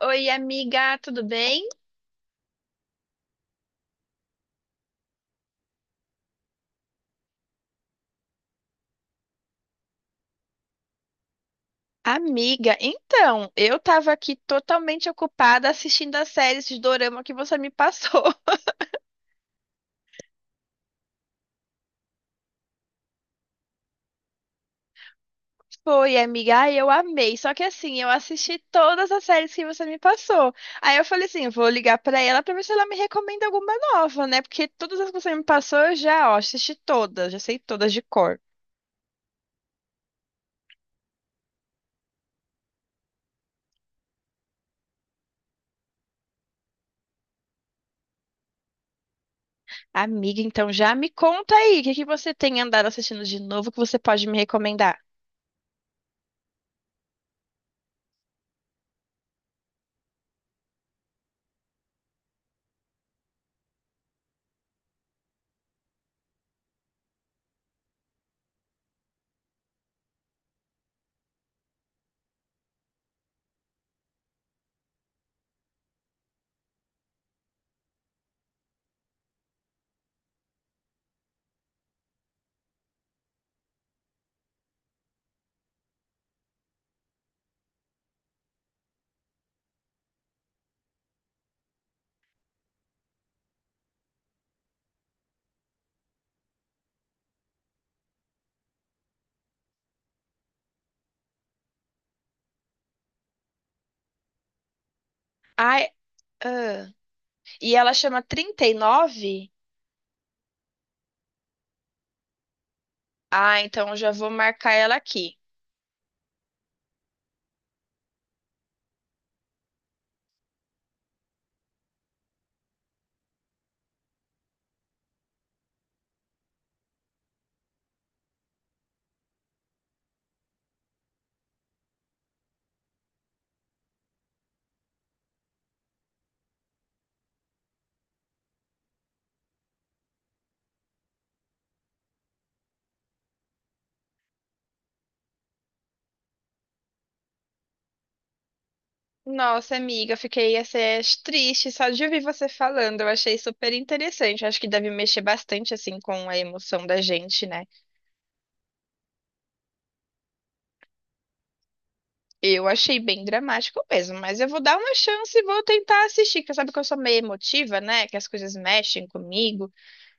Oi, amiga, tudo bem? Amiga, então, eu tava aqui totalmente ocupada assistindo a série de dorama que você me passou. Foi, amiga, ai, eu amei. Só que assim, eu assisti todas as séries que você me passou. Aí eu falei assim, vou ligar pra ela pra ver se ela me recomenda alguma nova, né? Porque todas as que você me passou, eu já, ó, assisti todas, já sei todas de cor. Amiga, então já me conta aí, o que que você tem andado assistindo de novo que você pode me recomendar? Ai, ah, e ela chama 39. Ah, então já vou marcar ela aqui. Nossa, amiga, fiquei assim, triste só de ouvir você falando. Eu achei super interessante. Acho que deve mexer bastante assim com a emoção da gente, né? Eu achei bem dramático mesmo, mas eu vou dar uma chance e vou tentar assistir, que sabe que eu sou meio emotiva, né? Que as coisas mexem comigo.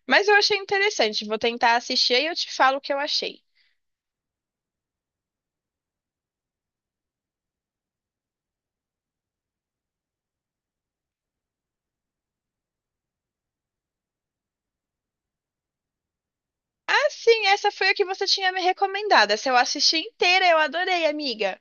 Mas eu achei interessante. Vou tentar assistir e eu te falo o que eu achei. Ah, sim, essa foi a que você tinha me recomendado. Essa eu assisti inteira, eu adorei, amiga.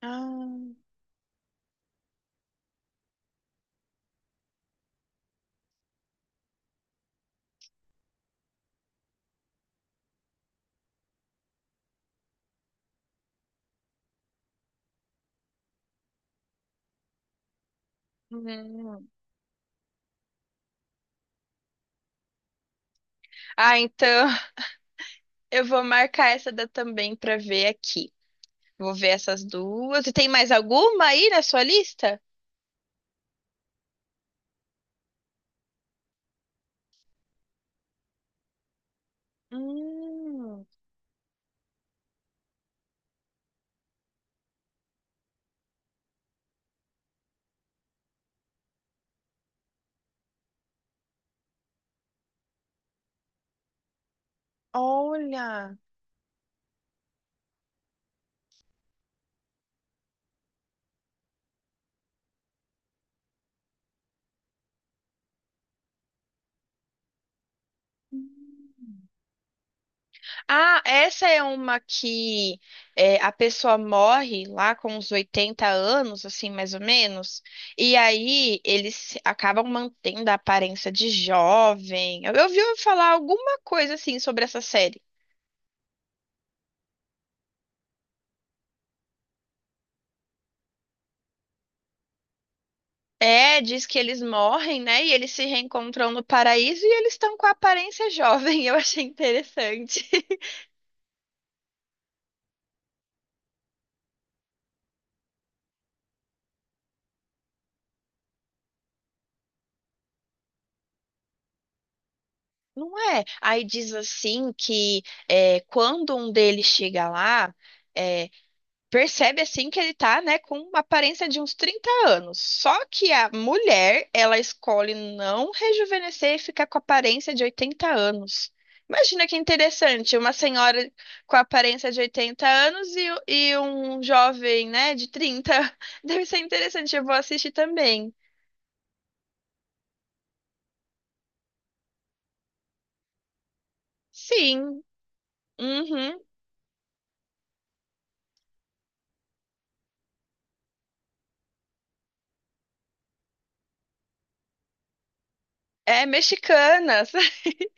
Ah, hum. Ah, então. Eu vou marcar essa da também pra ver aqui. Vou ver essas duas. E tem mais alguma aí na sua lista? Hum, olha. Ah, essa é uma que é, a pessoa morre lá com uns 80 anos, assim, mais ou menos, e aí eles acabam mantendo a aparência de jovem. Eu ouvi falar alguma coisa assim sobre essa série. É, diz que eles morrem, né? E eles se reencontram no paraíso e eles estão com a aparência jovem. Eu achei interessante. Não é? Aí diz assim que é, quando um deles chega lá. Percebe assim que ele tá, né, com uma aparência de uns 30 anos. Só que a mulher, ela escolhe não rejuvenescer e ficar com a aparência de 80 anos. Imagina que interessante, uma senhora com a aparência de 80 anos e um jovem, né, de 30. Deve ser interessante, eu vou assistir também. Sim, uhum, é mexicanas.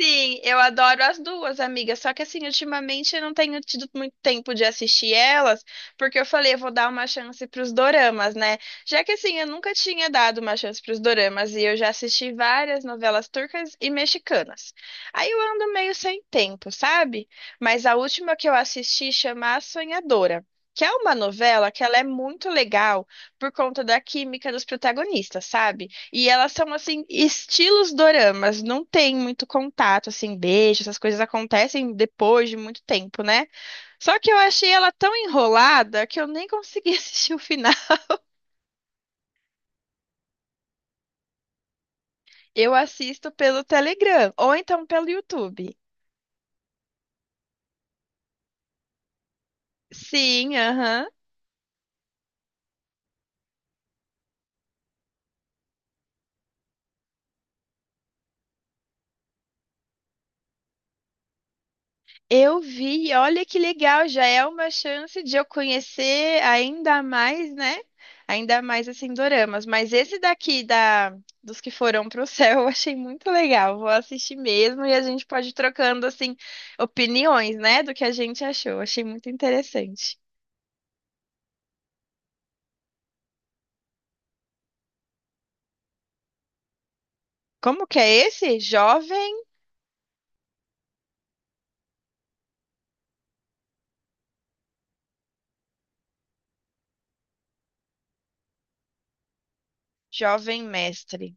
Sim, eu adoro as duas, amiga. Só que assim, ultimamente eu não tenho tido muito tempo de assistir elas, porque eu falei, eu vou dar uma chance pros doramas, né? Já que assim, eu nunca tinha dado uma chance pros doramas e eu já assisti várias novelas turcas e mexicanas. Aí eu ando meio sem tempo, sabe? Mas a última que eu assisti chama A Sonhadora. Que é uma novela que ela é muito legal por conta da química dos protagonistas, sabe? E elas são, assim, estilos doramas, não tem muito contato, assim, beijo, essas coisas acontecem depois de muito tempo, né? Só que eu achei ela tão enrolada que eu nem consegui assistir o final. Eu assisto pelo Telegram, ou então pelo YouTube. Sim, aham. Eu vi, olha que legal, já é uma chance de eu conhecer ainda mais, né? Ainda mais assim doramas, mas esse daqui da dos que foram pro céu, eu achei muito legal. Vou assistir mesmo e a gente pode ir trocando assim opiniões, né, do que a gente achou. Achei muito interessante. Como que é esse? Jovem mestre.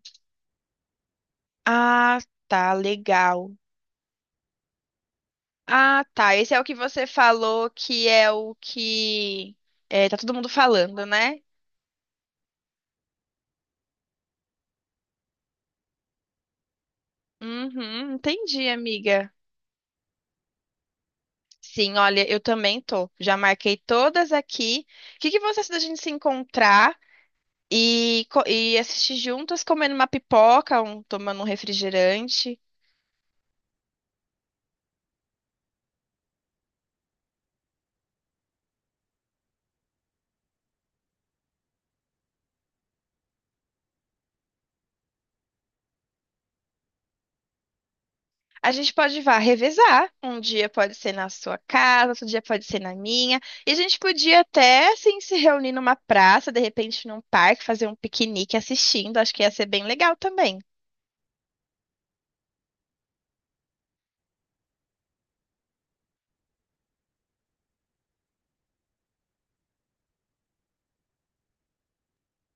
Ah, tá, legal. Ah, tá. Esse é o que você falou que é o que é, tá todo mundo falando, né? Uhum, entendi, amiga. Sim, olha, eu também tô. Já marquei todas aqui. O que que você acha da gente se encontrar e, e assistir juntas, comendo uma pipoca, tomando um refrigerante? A gente pode vá revezar. Um dia pode ser na sua casa, outro dia pode ser na minha. E a gente podia até, assim, se reunir numa praça, de repente num parque, fazer um piquenique assistindo. Acho que ia ser bem legal também.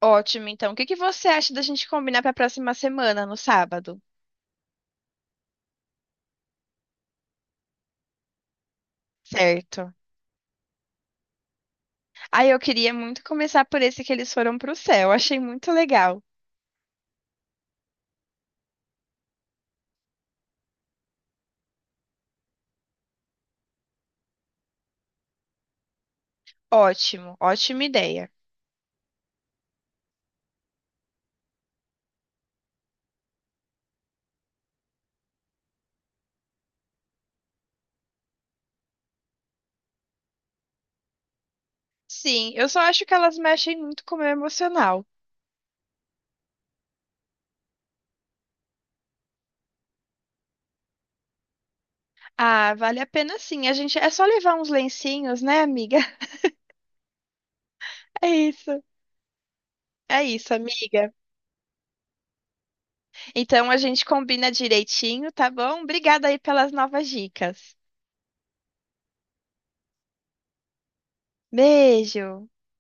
Ótimo, então. O que que você acha da gente combinar para a próxima semana, no sábado? Certo. Aí eu queria muito começar por esse que eles foram pro céu. Achei muito legal. Ótimo, ótima ideia. Sim, eu só acho que elas mexem muito com o meu emocional. Ah, vale a pena sim. A gente é só levar uns lencinhos, né, amiga? É isso. É isso, amiga. Então a gente combina direitinho, tá bom? Obrigada aí pelas novas dicas. Beijo.